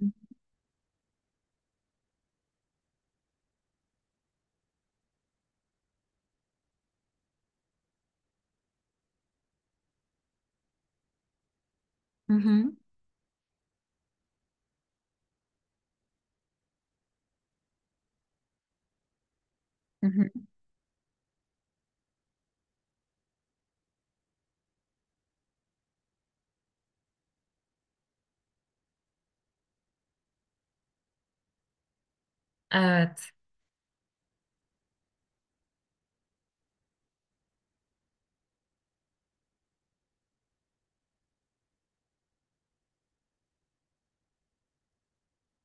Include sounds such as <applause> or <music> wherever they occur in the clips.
Hı hı, hı hı. Evet,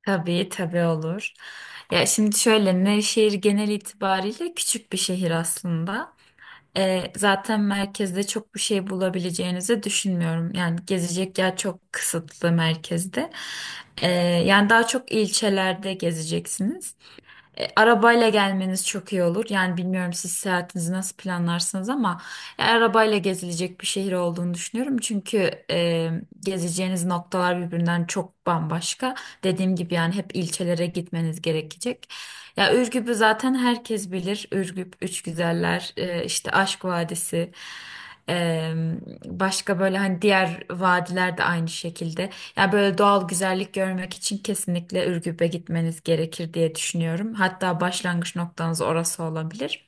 tabii tabii olur. Ya şimdi şöyle Nevşehir genel itibariyle küçük bir şehir aslında. Zaten merkezde çok bir şey bulabileceğinizi düşünmüyorum. Yani gezecek yer çok kısıtlı merkezde. Ee, Yani daha çok ilçelerde gezeceksiniz. Arabayla gelmeniz çok iyi olur. Yani bilmiyorum siz seyahatinizi nasıl planlarsınız ama arabayla gezilecek bir şehir olduğunu düşünüyorum. Çünkü gezeceğiniz noktalar birbirinden çok bambaşka. Dediğim gibi yani hep ilçelere gitmeniz gerekecek. Ya Ürgüp'ü zaten herkes bilir. Ürgüp, Üç Güzeller, işte Aşk Vadisi. e, Başka böyle hani diğer vadiler de aynı şekilde. Ya böyle doğal güzellik görmek için kesinlikle Ürgüp'e gitmeniz gerekir diye düşünüyorum. Hatta başlangıç noktanız orası olabilir.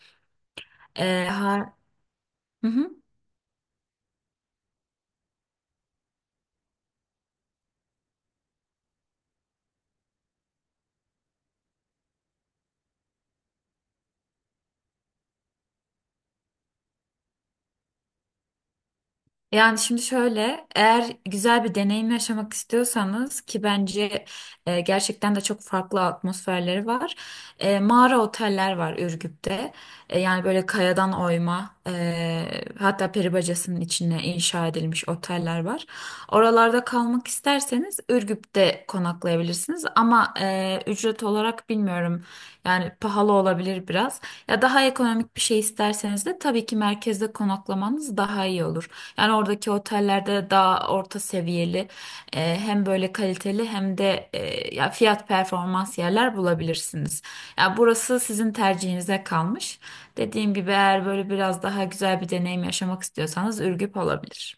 Ee, ha, hı hı. Yani şimdi şöyle, eğer güzel bir deneyim yaşamak istiyorsanız ki bence gerçekten de çok farklı atmosferleri var. Mağara oteller var Ürgüp'te. Yani böyle kayadan oyma, hatta peri bacasının içine inşa edilmiş oteller var. Oralarda kalmak isterseniz Ürgüp'te konaklayabilirsiniz. Ama ücret olarak bilmiyorum. Yani pahalı olabilir biraz. Ya daha ekonomik bir şey isterseniz de tabii ki merkezde konaklamanız daha iyi olur. Yani oradaki otellerde daha orta seviyeli hem böyle kaliteli hem de ya fiyat performans yerler bulabilirsiniz. Ya burası sizin tercihinize kalmış. Dediğim gibi eğer böyle biraz daha güzel bir deneyim yaşamak istiyorsanız Ürgüp olabilir.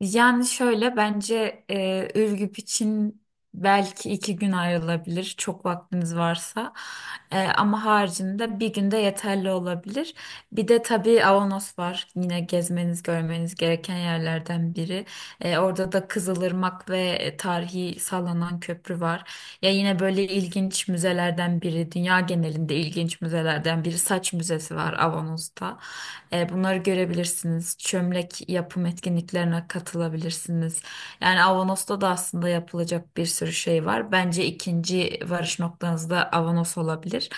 Yani şöyle bence Ürgüp için belki iki gün ayrılabilir çok vaktiniz varsa. Ama haricinde bir günde yeterli olabilir. Bir de tabii Avanos var yine gezmeniz görmeniz gereken yerlerden biri. Orada da Kızılırmak ve tarihi sallanan köprü var. Ya yine böyle ilginç müzelerden biri, dünya genelinde ilginç müzelerden biri saç müzesi var Avanos'ta. Bunları görebilirsiniz. Çömlek yapım etkinliklerine katılabilirsiniz. Yani Avanos'ta da aslında yapılacak bir sürü şey var. Bence ikinci varış noktanız da Avanos olabilir.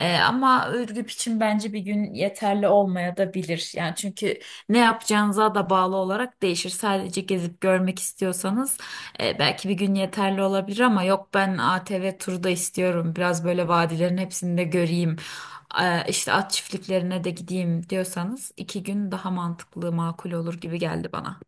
Ama Ürgüp için bence bir gün yeterli olmaya da bilir. Yani çünkü ne yapacağınıza da bağlı olarak değişir. Sadece gezip görmek istiyorsanız belki bir gün yeterli olabilir ama yok ben ATV turu da istiyorum. Biraz böyle vadilerin hepsini de göreyim, işte at çiftliklerine de gideyim diyorsanız iki gün daha mantıklı, makul olur gibi geldi bana.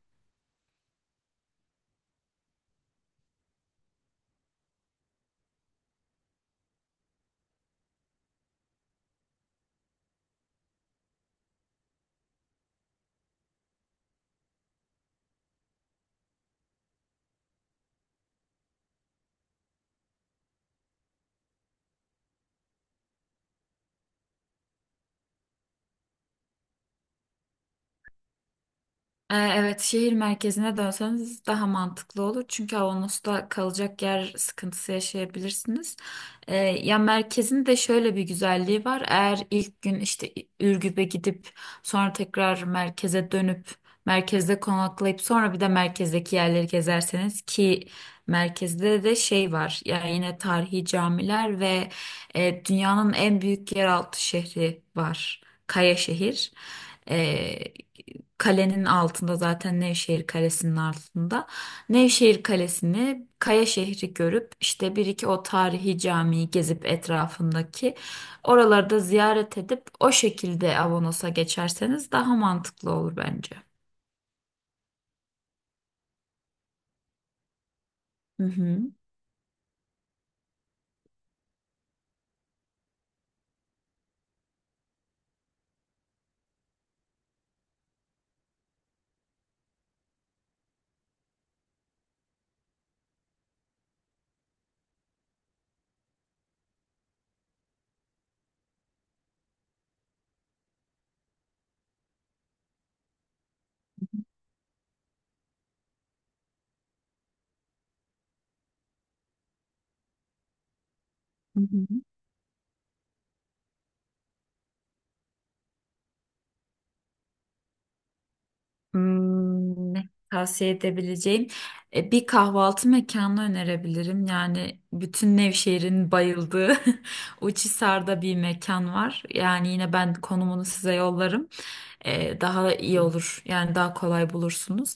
Evet, şehir merkezine dönseniz daha mantıklı olur. Çünkü Avanos'ta kalacak yer sıkıntısı yaşayabilirsiniz. Ya merkezin de şöyle bir güzelliği var. Eğer ilk gün işte Ürgüp'e gidip sonra tekrar merkeze dönüp merkezde konaklayıp sonra bir de merkezdeki yerleri gezerseniz ki merkezde de şey var. Yani yine tarihi camiler ve dünyanın en büyük yeraltı şehri var. Kayaşehir. Şehir. Ee, Kalenin altında zaten, Nevşehir Kalesi'nin altında. Nevşehir Kalesi'ni, Kaya şehri görüp işte bir iki o tarihi camiyi gezip etrafındaki oralarda ziyaret edip o şekilde Avanos'a geçerseniz daha mantıklı olur bence. Hı hı. Hı hı. Hmm, ne tavsiye edebileceğim. Bir kahvaltı mekanı önerebilirim. Yani bütün Nevşehir'in bayıldığı <laughs> Uçhisar'da bir mekan var. Yani yine ben konumunu size yollarım. Daha iyi olur. Yani daha kolay bulursunuz.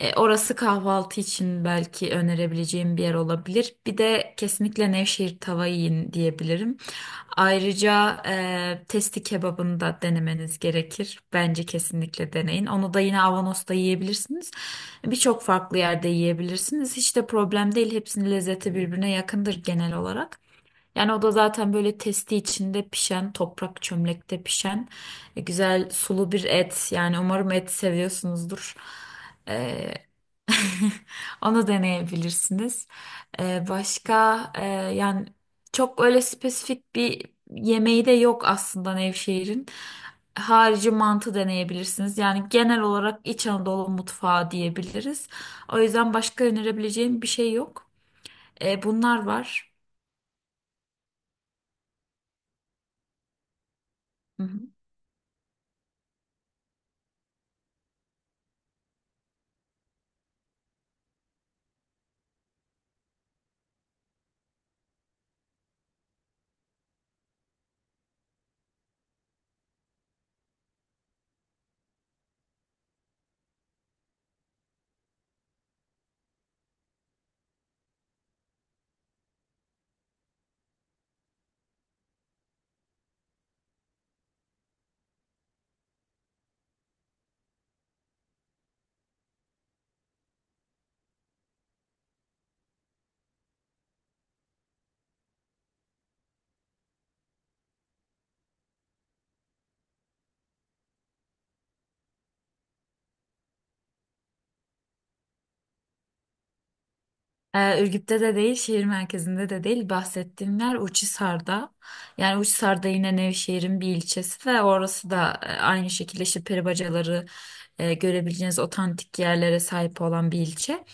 Orası kahvaltı için belki önerebileceğim bir yer olabilir. Bir de kesinlikle Nevşehir tava yiyin diyebilirim. Ayrıca testi kebabını da denemeniz gerekir. Bence kesinlikle deneyin. Onu da yine Avanos'ta yiyebilirsiniz. Birçok farklı yerde yiyebilirsiniz. Hiç de problem değil. Hepsinin lezzeti birbirine yakındır genel olarak. Yani o da zaten böyle testi içinde pişen, toprak çömlekte pişen güzel sulu bir et. Yani umarım et seviyorsunuzdur. Ee, <laughs> onu deneyebilirsiniz. Ee, başka e, Yani çok öyle spesifik bir yemeği de yok aslında Nevşehir'in. Harici mantı deneyebilirsiniz. Yani genel olarak İç Anadolu mutfağı diyebiliriz. O yüzden başka önerebileceğim bir şey yok. Bunlar var. Hı hı. Ürgüp'te de değil, şehir merkezinde de değil. Bahsettiğim yer Uçhisar'da. Yani Uçhisar'da yine Nevşehir'in bir ilçesi ve orası da aynı şekilde işte peribacaları görebileceğiniz otantik yerlere sahip olan bir ilçe.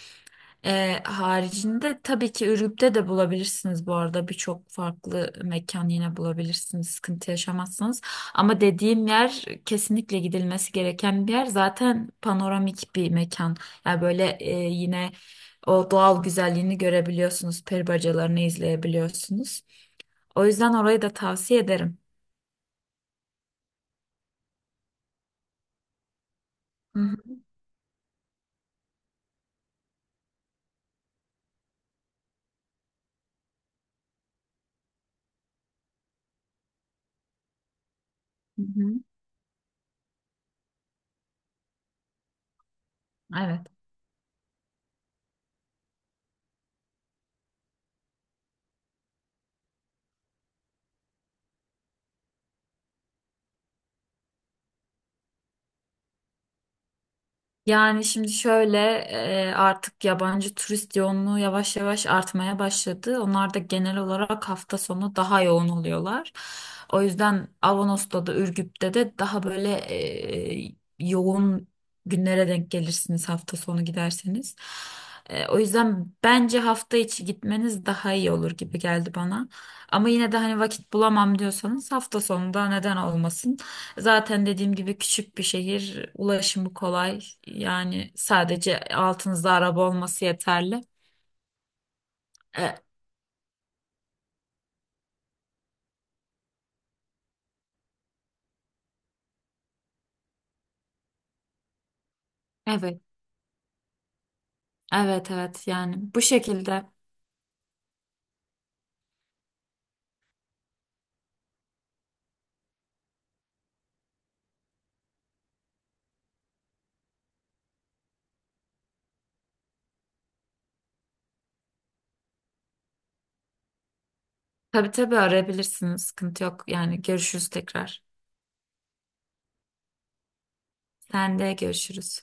Haricinde tabii ki Ürgüp'te de bulabilirsiniz, bu arada birçok farklı mekan yine bulabilirsiniz sıkıntı yaşamazsınız ama dediğim yer kesinlikle gidilmesi gereken bir yer, zaten panoramik bir mekan yani böyle yine o doğal güzelliğini görebiliyorsunuz, peri bacalarını izleyebiliyorsunuz, o yüzden orayı da tavsiye ederim. Hı hı. Hı hı. Evet. Yani şimdi şöyle artık yabancı turist yoğunluğu yavaş yavaş artmaya başladı. Onlar da genel olarak hafta sonu daha yoğun oluyorlar. O yüzden Avanos'ta da Ürgüp'te de daha böyle yoğun günlere denk gelirsiniz hafta sonu giderseniz. O yüzden bence hafta içi gitmeniz daha iyi olur gibi geldi bana. Ama yine de hani vakit bulamam diyorsanız hafta sonunda neden olmasın? Zaten dediğim gibi küçük bir şehir, ulaşımı kolay. Yani sadece altınızda araba olması yeterli. E, evet, evet, evet. Yani bu şekilde. Tabii tabii arayabilirsiniz. Sıkıntı yok. Yani görüşürüz tekrar. Sen de görüşürüz.